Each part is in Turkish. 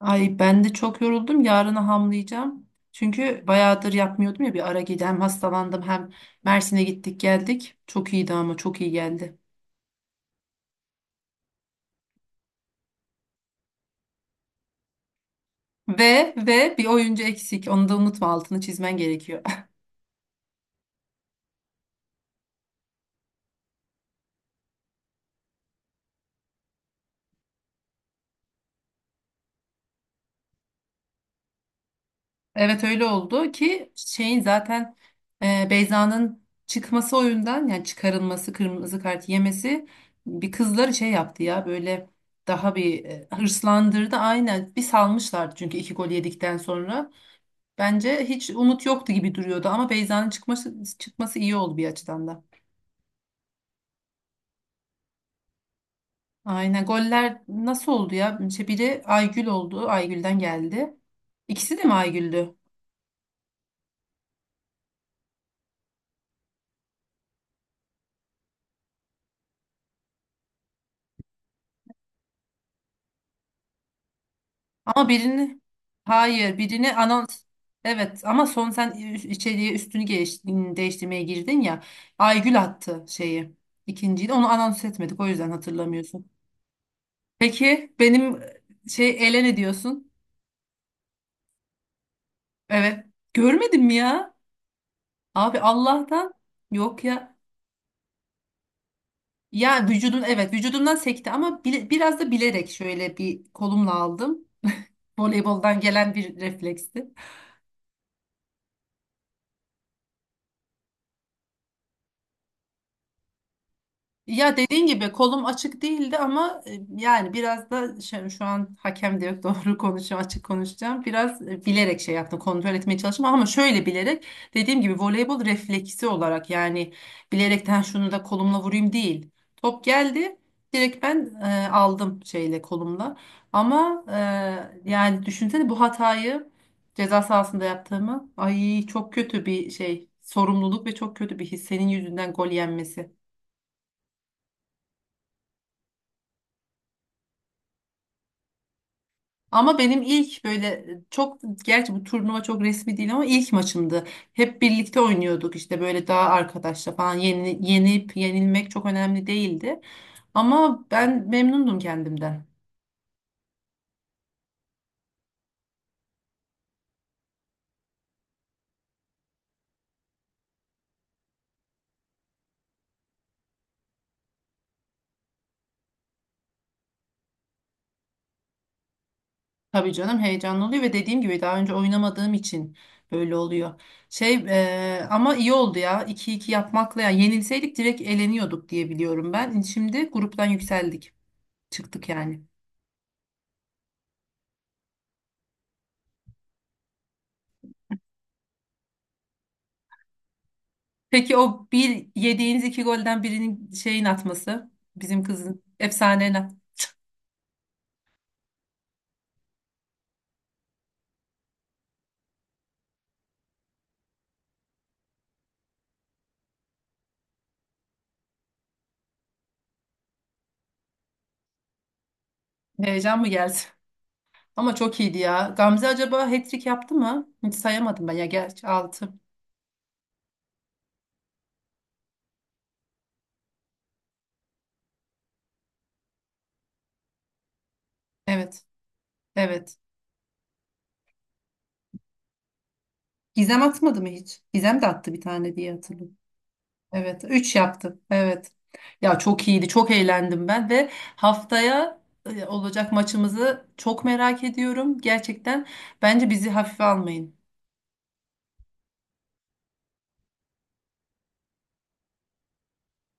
Ay ben de çok yoruldum. Yarına hamlayacağım. Çünkü bayağıdır yapmıyordum ya bir ara gidi. Hem hastalandım hem Mersin'e gittik geldik. Çok iyiydi ama çok iyi geldi. Ve bir oyuncu eksik. Onu da unutma, altını çizmen gerekiyor. Evet, öyle oldu ki şeyin zaten Beyza'nın çıkması oyundan, yani çıkarılması, kırmızı kart yemesi bir kızları şey yaptı ya böyle, daha bir hırslandırdı. Aynen, bir salmışlardı çünkü iki gol yedikten sonra. Bence hiç umut yoktu gibi duruyordu ama Beyza'nın çıkması iyi oldu bir açıdan da. Aynen, goller nasıl oldu ya? İşte biri Aygül oldu. Aygül'den geldi. İkisi de mi Aygül'dü? Ama birini, hayır birini anons, evet ama son sen içeriye değiştirmeye girdin ya. Aygül attı şeyi. İkinciyi de onu anons etmedik, o yüzden hatırlamıyorsun. Peki benim şey ele ne diyorsun? Evet. Görmedin mi ya? Abi Allah'tan yok ya. Ya vücudun, evet vücudumdan sekti ama biraz da bilerek şöyle bir kolumla aldım. Voleyboldan gelen bir refleksti. Ya dediğin gibi kolum açık değildi ama yani biraz da şu an hakem de yok doğru konuşacağım, açık konuşacağım. Biraz bilerek şey yaptım, kontrol etmeye çalıştım ama şöyle bilerek, dediğim gibi voleybol refleksi olarak yani bilerekten şunu da kolumla vurayım değil. Top geldi, direkt ben aldım şeyle kolumla ama yani düşünsene bu hatayı ceza sahasında yaptığımı, ay çok kötü bir şey, sorumluluk ve çok kötü bir his senin yüzünden gol yenmesi. Ama benim ilk böyle çok, gerçi bu turnuva çok resmi değil ama ilk maçımdı. Hep birlikte oynuyorduk işte, böyle daha arkadaşla falan, yenip yenilmek çok önemli değildi. Ama ben memnundum kendimden. Tabii canım, heyecanlı oluyor ve dediğim gibi daha önce oynamadığım için böyle oluyor. Şey Ama iyi oldu ya, 2-2 yapmakla, ya yenilseydik direkt eleniyorduk diye biliyorum ben. Şimdi gruptan yükseldik, çıktık yani. Peki o bir yediğiniz iki golden birinin şeyin atması, bizim kızın efsane heyecan mı geldi? Ama çok iyiydi ya. Gamze acaba hat-trick yaptı mı? Hiç sayamadım ben ya, gerçi altı. Evet. Evet. Gizem atmadı mı hiç? Gizem de attı bir tane diye hatırlıyorum. Evet. Üç yaptı. Evet. Ya çok iyiydi. Çok eğlendim ben ve haftaya olacak maçımızı çok merak ediyorum. Gerçekten bence bizi hafife almayın.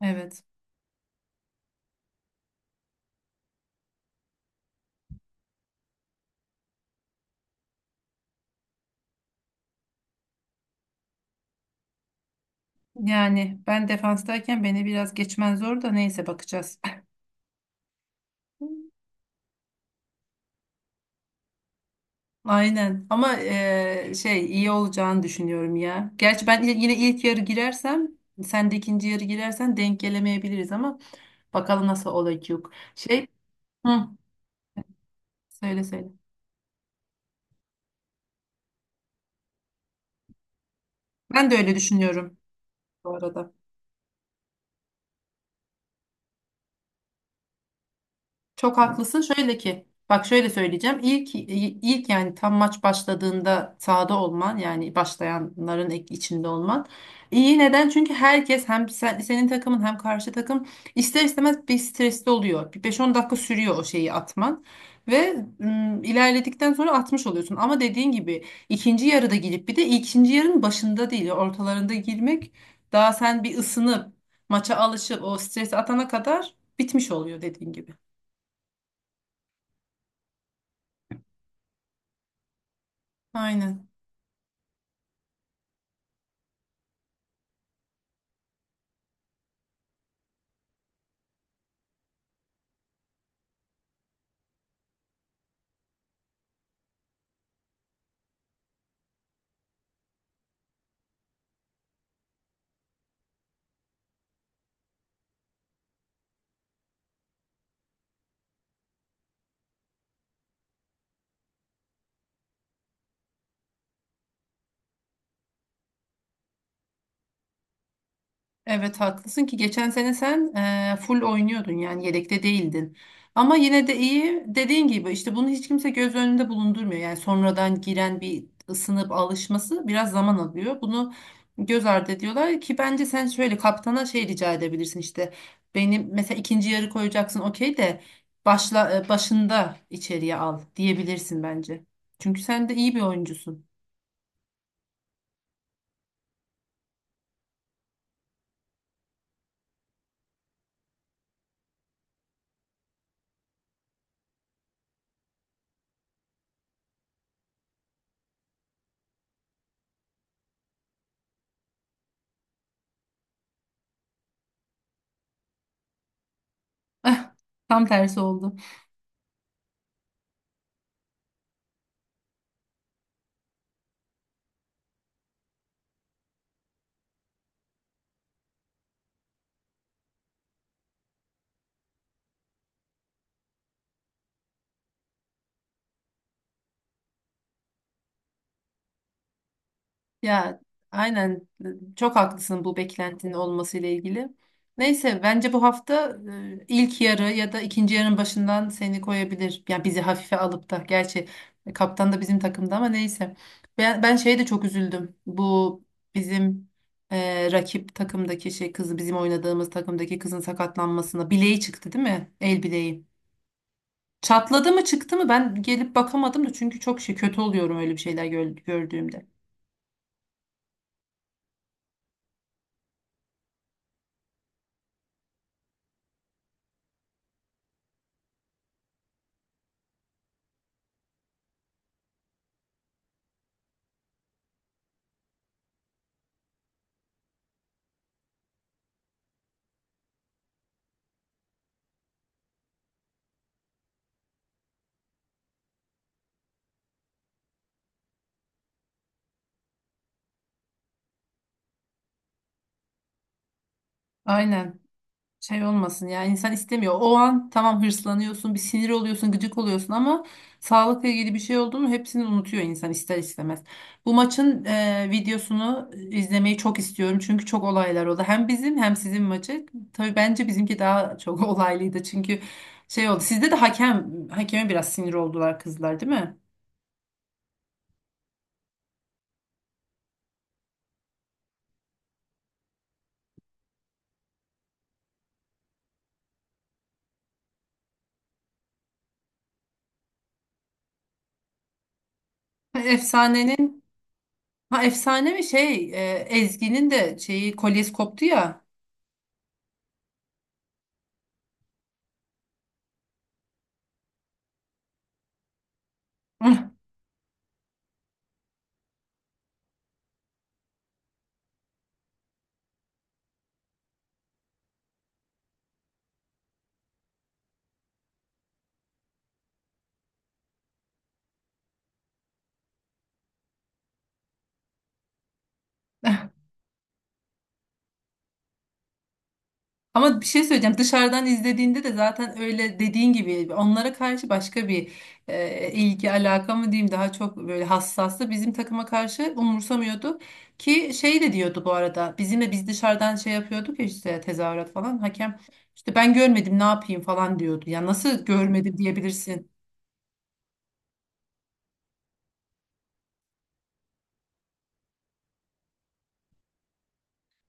Evet. Yani ben defanstayken beni biraz geçmen zor da, neyse bakacağız. Aynen ama şey iyi olacağını düşünüyorum ya. Gerçi ben yine ilk yarı girersem sen de ikinci yarı girersen denk gelemeyebiliriz ama bakalım nasıl olacak. Şey hı, söyle söyle. Ben de öyle düşünüyorum bu arada. Çok haklısın. Şöyle ki, bak şöyle söyleyeceğim. İlk, yani tam maç başladığında sahada olman, yani başlayanların içinde olman iyi. Neden? Çünkü herkes, hem senin takımın hem karşı takım, ister istemez bir stresli oluyor. Bir 5-10 dakika sürüyor o şeyi atman ve ilerledikten sonra atmış oluyorsun. Ama dediğin gibi ikinci yarıda girip, bir de ikinci yarının başında değil, ortalarında girmek, daha sen bir ısınıp maça alışıp o stresi atana kadar bitmiş oluyor dediğin gibi. Aynen. Evet, haklısın ki geçen sene sen full oynuyordun, yani yedekte değildin. Ama yine de iyi, dediğin gibi işte bunu hiç kimse göz önünde bulundurmuyor. Yani sonradan giren bir ısınıp alışması biraz zaman alıyor. Bunu göz ardı ediyorlar ki bence sen şöyle kaptana şey rica edebilirsin işte. Benim mesela ikinci yarı koyacaksın okey, de başında içeriye al diyebilirsin bence. Çünkü sen de iyi bir oyuncusun. Tam tersi oldu. Ya aynen, çok haklısın bu beklentinin olması ile ilgili. Neyse bence bu hafta ilk yarı ya da ikinci yarının başından seni koyabilir. Ya bizi hafife alıp da, gerçi kaptan da bizim takımda ama neyse. Ben şeye de çok üzüldüm. Bu bizim rakip takımdaki şey kızı bizim oynadığımız takımdaki kızın sakatlanmasına, bileği çıktı değil mi? El bileği. Çatladı mı çıktı mı, ben gelip bakamadım da çünkü çok şey kötü oluyorum öyle bir şeyler gördüğümde. Aynen. Şey olmasın yani, insan istemiyor. O an tamam hırslanıyorsun, bir sinir oluyorsun, gıcık oluyorsun ama sağlıkla ilgili bir şey oldu mu hepsini unutuyor insan ister istemez. Bu maçın videosunu izlemeyi çok istiyorum çünkü çok olaylar oldu. Hem bizim hem sizin maçı. Tabii bence bizimki daha çok olaylıydı çünkü şey oldu. Sizde de hakem, hakeme biraz sinir oldular kızlar değil mi? Efsanenin, ha efsane mi, Ezgi'nin de şeyi kolyesi koptu ya. Ama bir şey söyleyeceğim. Dışarıdan izlediğinde de zaten öyle, dediğin gibi onlara karşı başka bir ilgi alaka mı diyeyim, daha çok böyle hassastı. Bizim takıma karşı umursamıyordu ki, şey de diyordu bu arada. Bizimle biz dışarıdan şey yapıyorduk ya işte, tezahürat falan. Hakem işte ben görmedim ne yapayım falan diyordu. Ya nasıl görmedim diyebilirsin.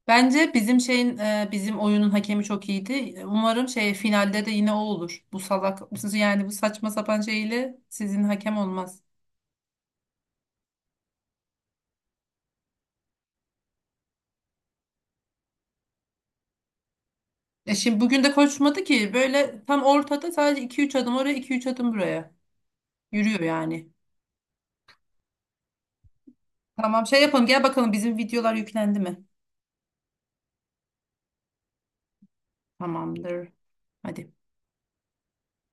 Bence bizim şeyin bizim oyunun hakemi çok iyiydi. Umarım şey finalde de yine o olur. Bu salak, yani bu saçma sapan şeyle sizin hakem olmaz. E şimdi bugün de koşmadı ki böyle, tam ortada sadece 2-3 adım oraya, 2-3 adım buraya. Yürüyor yani. Tamam şey yapalım, gel bakalım bizim videolar yüklendi mi? Tamamdır. Hadi.